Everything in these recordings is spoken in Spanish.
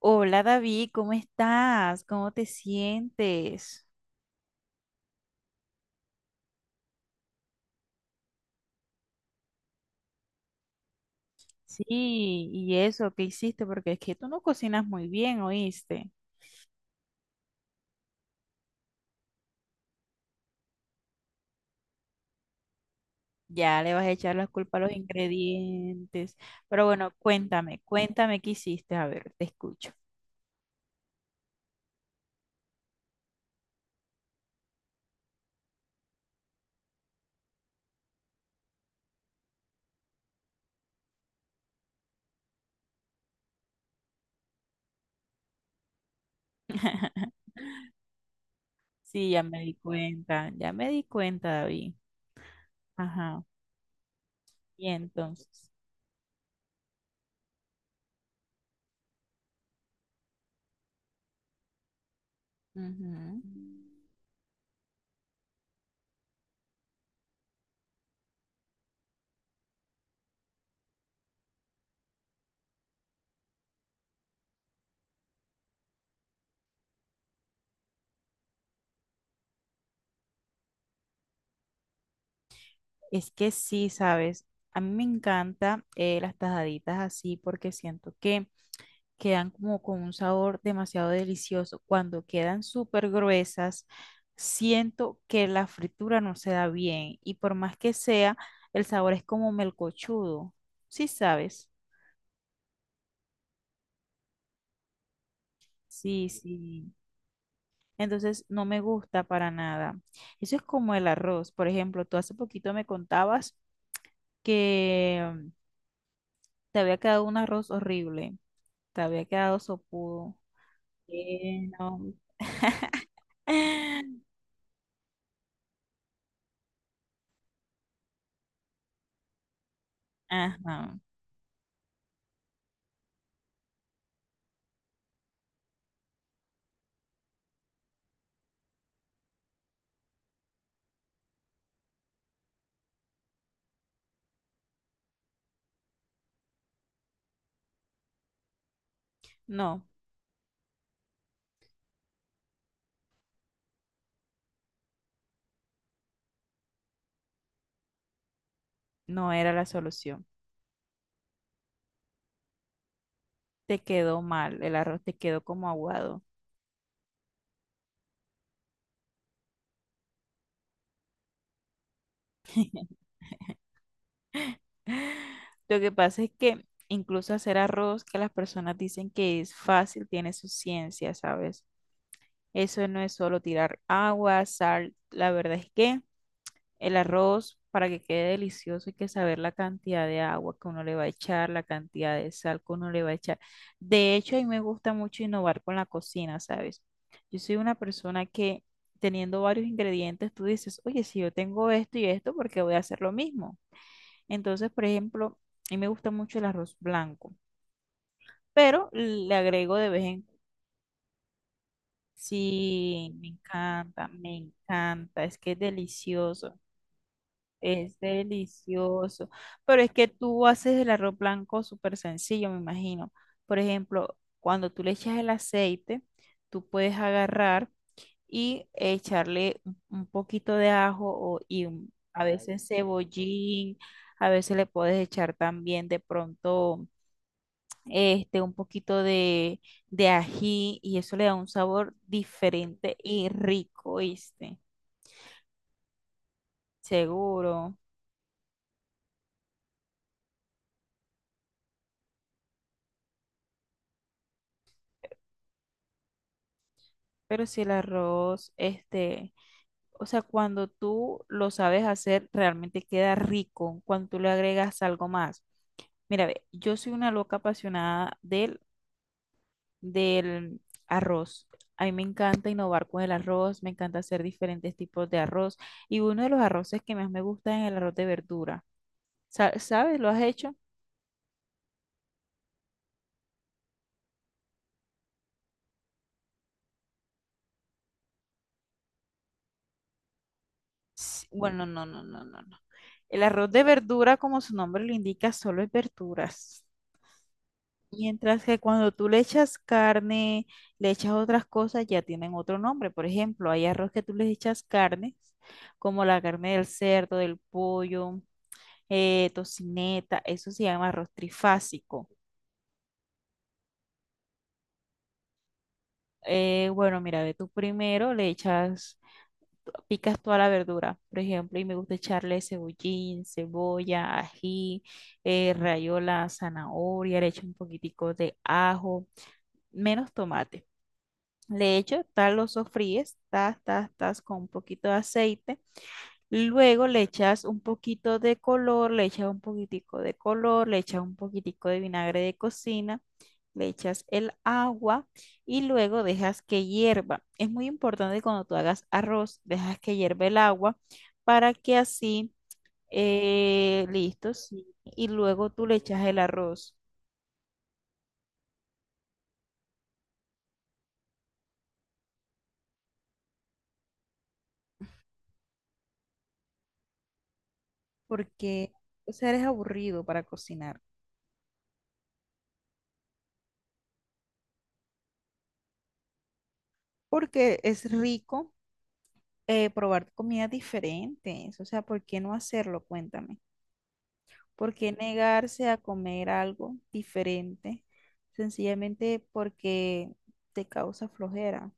Hola David, ¿cómo estás? ¿Cómo te sientes? Sí, y eso, ¿qué hiciste? Porque es que tú no cocinas muy bien, ¿oíste? Ya le vas a echar la culpa a los ingredientes. Pero bueno, cuéntame qué hiciste. A ver, te escucho. Sí, ya me di cuenta, David. Ajá. Y entonces, ujú. Es que sí, ¿sabes? A mí me encanta las tajaditas así porque siento que quedan como con un sabor demasiado delicioso. Cuando quedan súper gruesas, siento que la fritura no se da bien y por más que sea, el sabor es como melcochudo. Sí, sabes. Sí, sí. Entonces no me gusta para nada. Eso es como el arroz. Por ejemplo, tú hace poquito me contabas que te había quedado un arroz horrible. Te había quedado sopudo. No. Ajá. No, no era la solución. Te quedó mal, el arroz te quedó como aguado. Lo que pasa es que incluso hacer arroz, que las personas dicen que es fácil, tiene su ciencia, ¿sabes? Eso no es solo tirar agua, sal, la verdad es que el arroz, para que quede delicioso, hay que saber la cantidad de agua que uno le va a echar, la cantidad de sal que uno le va a echar. De hecho, a mí me gusta mucho innovar con la cocina, ¿sabes? Yo soy una persona que teniendo varios ingredientes, tú dices, oye, si yo tengo esto y esto, ¿por qué voy a hacer lo mismo? Entonces, por ejemplo, a mí me gusta mucho el arroz blanco, pero le agrego de vez en cuando. Sí, me encanta, es que es delicioso. Es delicioso. Pero es que tú haces el arroz blanco súper sencillo, me imagino. Por ejemplo, cuando tú le echas el aceite, tú puedes agarrar y echarle un poquito de ajo a veces cebollín, a veces le puedes echar también de pronto un poquito de ají y eso le da un sabor diferente y rico, ¿viste? Seguro. Pero si el arroz, O sea, cuando tú lo sabes hacer, realmente queda rico cuando tú le agregas algo más. Mira, ve, yo soy una loca apasionada del arroz. A mí me encanta innovar con el arroz, me encanta hacer diferentes tipos de arroz. Y uno de los arroces que más me gusta es el arroz de verdura. ¿Sabes? ¿Lo has hecho? Sí, bueno, no. El arroz de verdura, como su nombre lo indica, solo es verduras. Mientras que cuando tú le echas carne, le echas otras cosas, ya tienen otro nombre. Por ejemplo, hay arroz que tú les echas carne, como la carne del cerdo, del pollo, tocineta, eso se llama arroz trifásico. Bueno, mira, ve tú primero, le echas, picas toda la verdura, por ejemplo, y me gusta echarle cebollín, cebolla, ají, rayola, zanahoria, le echo un poquitico de ajo, menos tomate. Le echo, tal lo sofríes, tas, tas, tas, con un poquito de aceite. Luego le echas un poquito de color, le echas un poquitico de color, le echas un poquitico de vinagre de cocina, le echas el agua y luego dejas que hierva. Es muy importante cuando tú hagas arroz, dejas que hierva el agua para que así, listo, sí, y luego tú le echas el arroz porque, o sea, eres aburrido para cocinar, porque es rico probar comidas diferentes. O sea, ¿por qué no hacerlo? Cuéntame. ¿Por qué negarse a comer algo diferente? Sencillamente porque te causa flojera.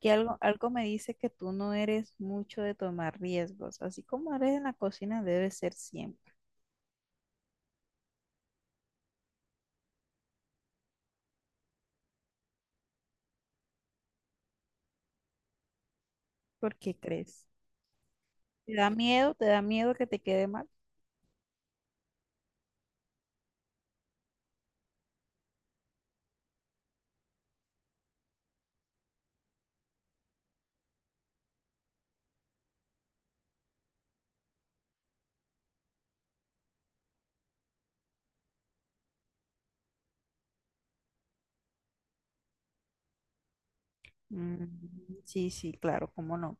Que algo, algo me dice que tú no eres mucho de tomar riesgos. Así como eres en la cocina, debe ser siempre. ¿Por qué crees? ¿Te da miedo? ¿Te da miedo que te quede mal? Mm, sí, sí, claro, cómo no.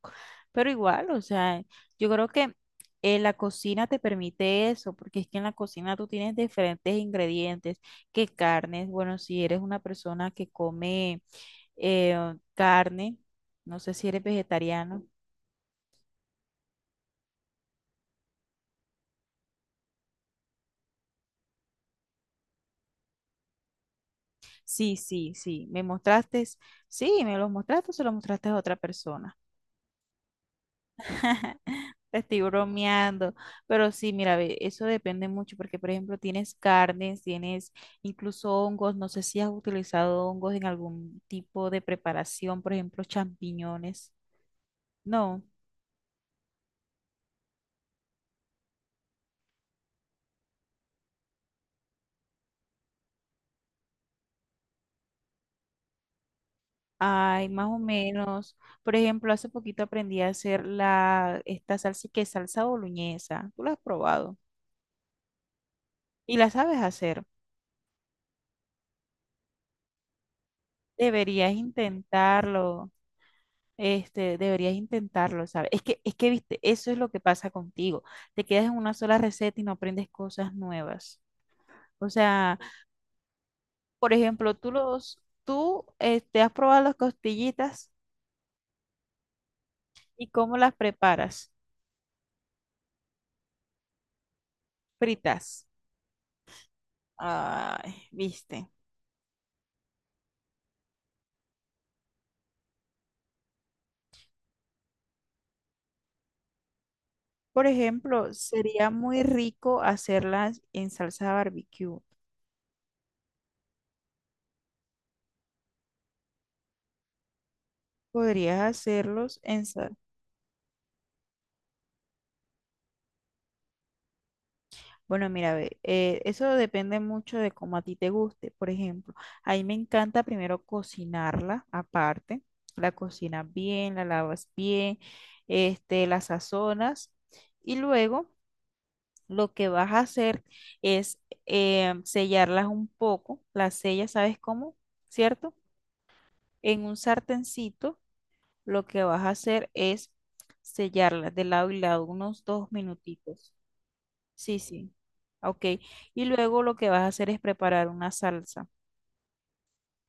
Pero igual, o sea, yo creo que la cocina te permite eso, porque es que en la cocina tú tienes diferentes ingredientes, que carnes, bueno, si eres una persona que come carne, no sé si eres vegetariano. Sí, sí, sí, me mostraste, sí, me los mostraste, se los mostraste a otra persona. Te estoy bromeando, pero sí, mira, ve, eso depende mucho porque, por ejemplo, tienes carnes, tienes incluso hongos, no sé si has utilizado hongos en algún tipo de preparación, por ejemplo, champiñones. No, hay más o menos. Por ejemplo, hace poquito aprendí a hacer la, esta salsa que es salsa boloñesa, tú la has probado y la sabes hacer. Deberías intentarlo. Deberías intentarlo, ¿sabes? Viste, eso es lo que pasa contigo. Te quedas en una sola receta y no aprendes cosas nuevas. O sea, por ejemplo, tú has probado las costillitas y cómo las preparas, fritas. Ay, viste. Por ejemplo, sería muy rico hacerlas en salsa barbecue. Podrías hacerlos en, bueno, mira, ve, eso depende mucho de cómo a ti te guste. Por ejemplo, a mí me encanta primero cocinarla aparte. La cocinas bien, la lavas bien, la sazonas y luego lo que vas a hacer es sellarlas un poco. Las sellas, ¿sabes cómo? ¿Cierto? En un sartencito lo que vas a hacer es sellarlas de lado y lado unos dos minutitos. Sí, sí. Ok. Y luego lo que vas a hacer es preparar una salsa.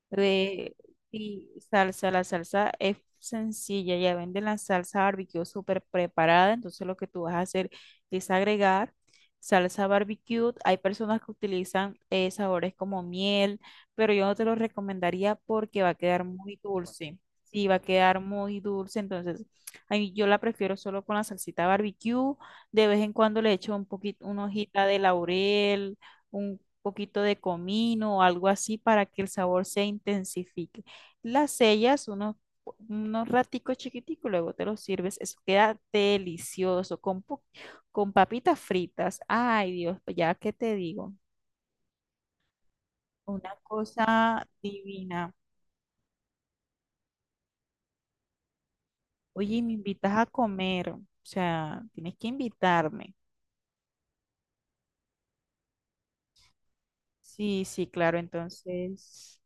De, y salsa, la salsa es sencilla, ya venden la salsa barbecue súper preparada, entonces lo que tú vas a hacer es agregar salsa barbecue. Hay personas que utilizan sabores como miel, pero yo no te lo recomendaría porque va a quedar muy dulce. Sí, va a quedar muy dulce, entonces a mí yo la prefiero solo con la salsita barbecue. De vez en cuando le echo un poquito, una hojita de laurel, poquito de comino o algo así para que el sabor se intensifique. Las sellas, unos raticos chiquiticos, luego te los sirves. Eso queda delicioso con, con papitas fritas. Ay, Dios, pues, ya que te digo, una cosa divina. Oye, me invitas a comer, o sea, tienes que invitarme. Sí, sí, claro, entonces,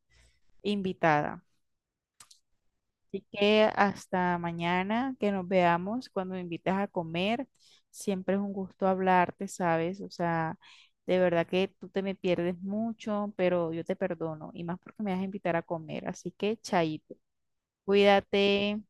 invitada. Así que hasta mañana que nos veamos, cuando me invites a comer, siempre es un gusto hablarte, ¿sabes? O sea, de verdad que tú te me pierdes mucho, pero yo te perdono y más porque me vas a invitar a comer. Así que, chaito, cuídate.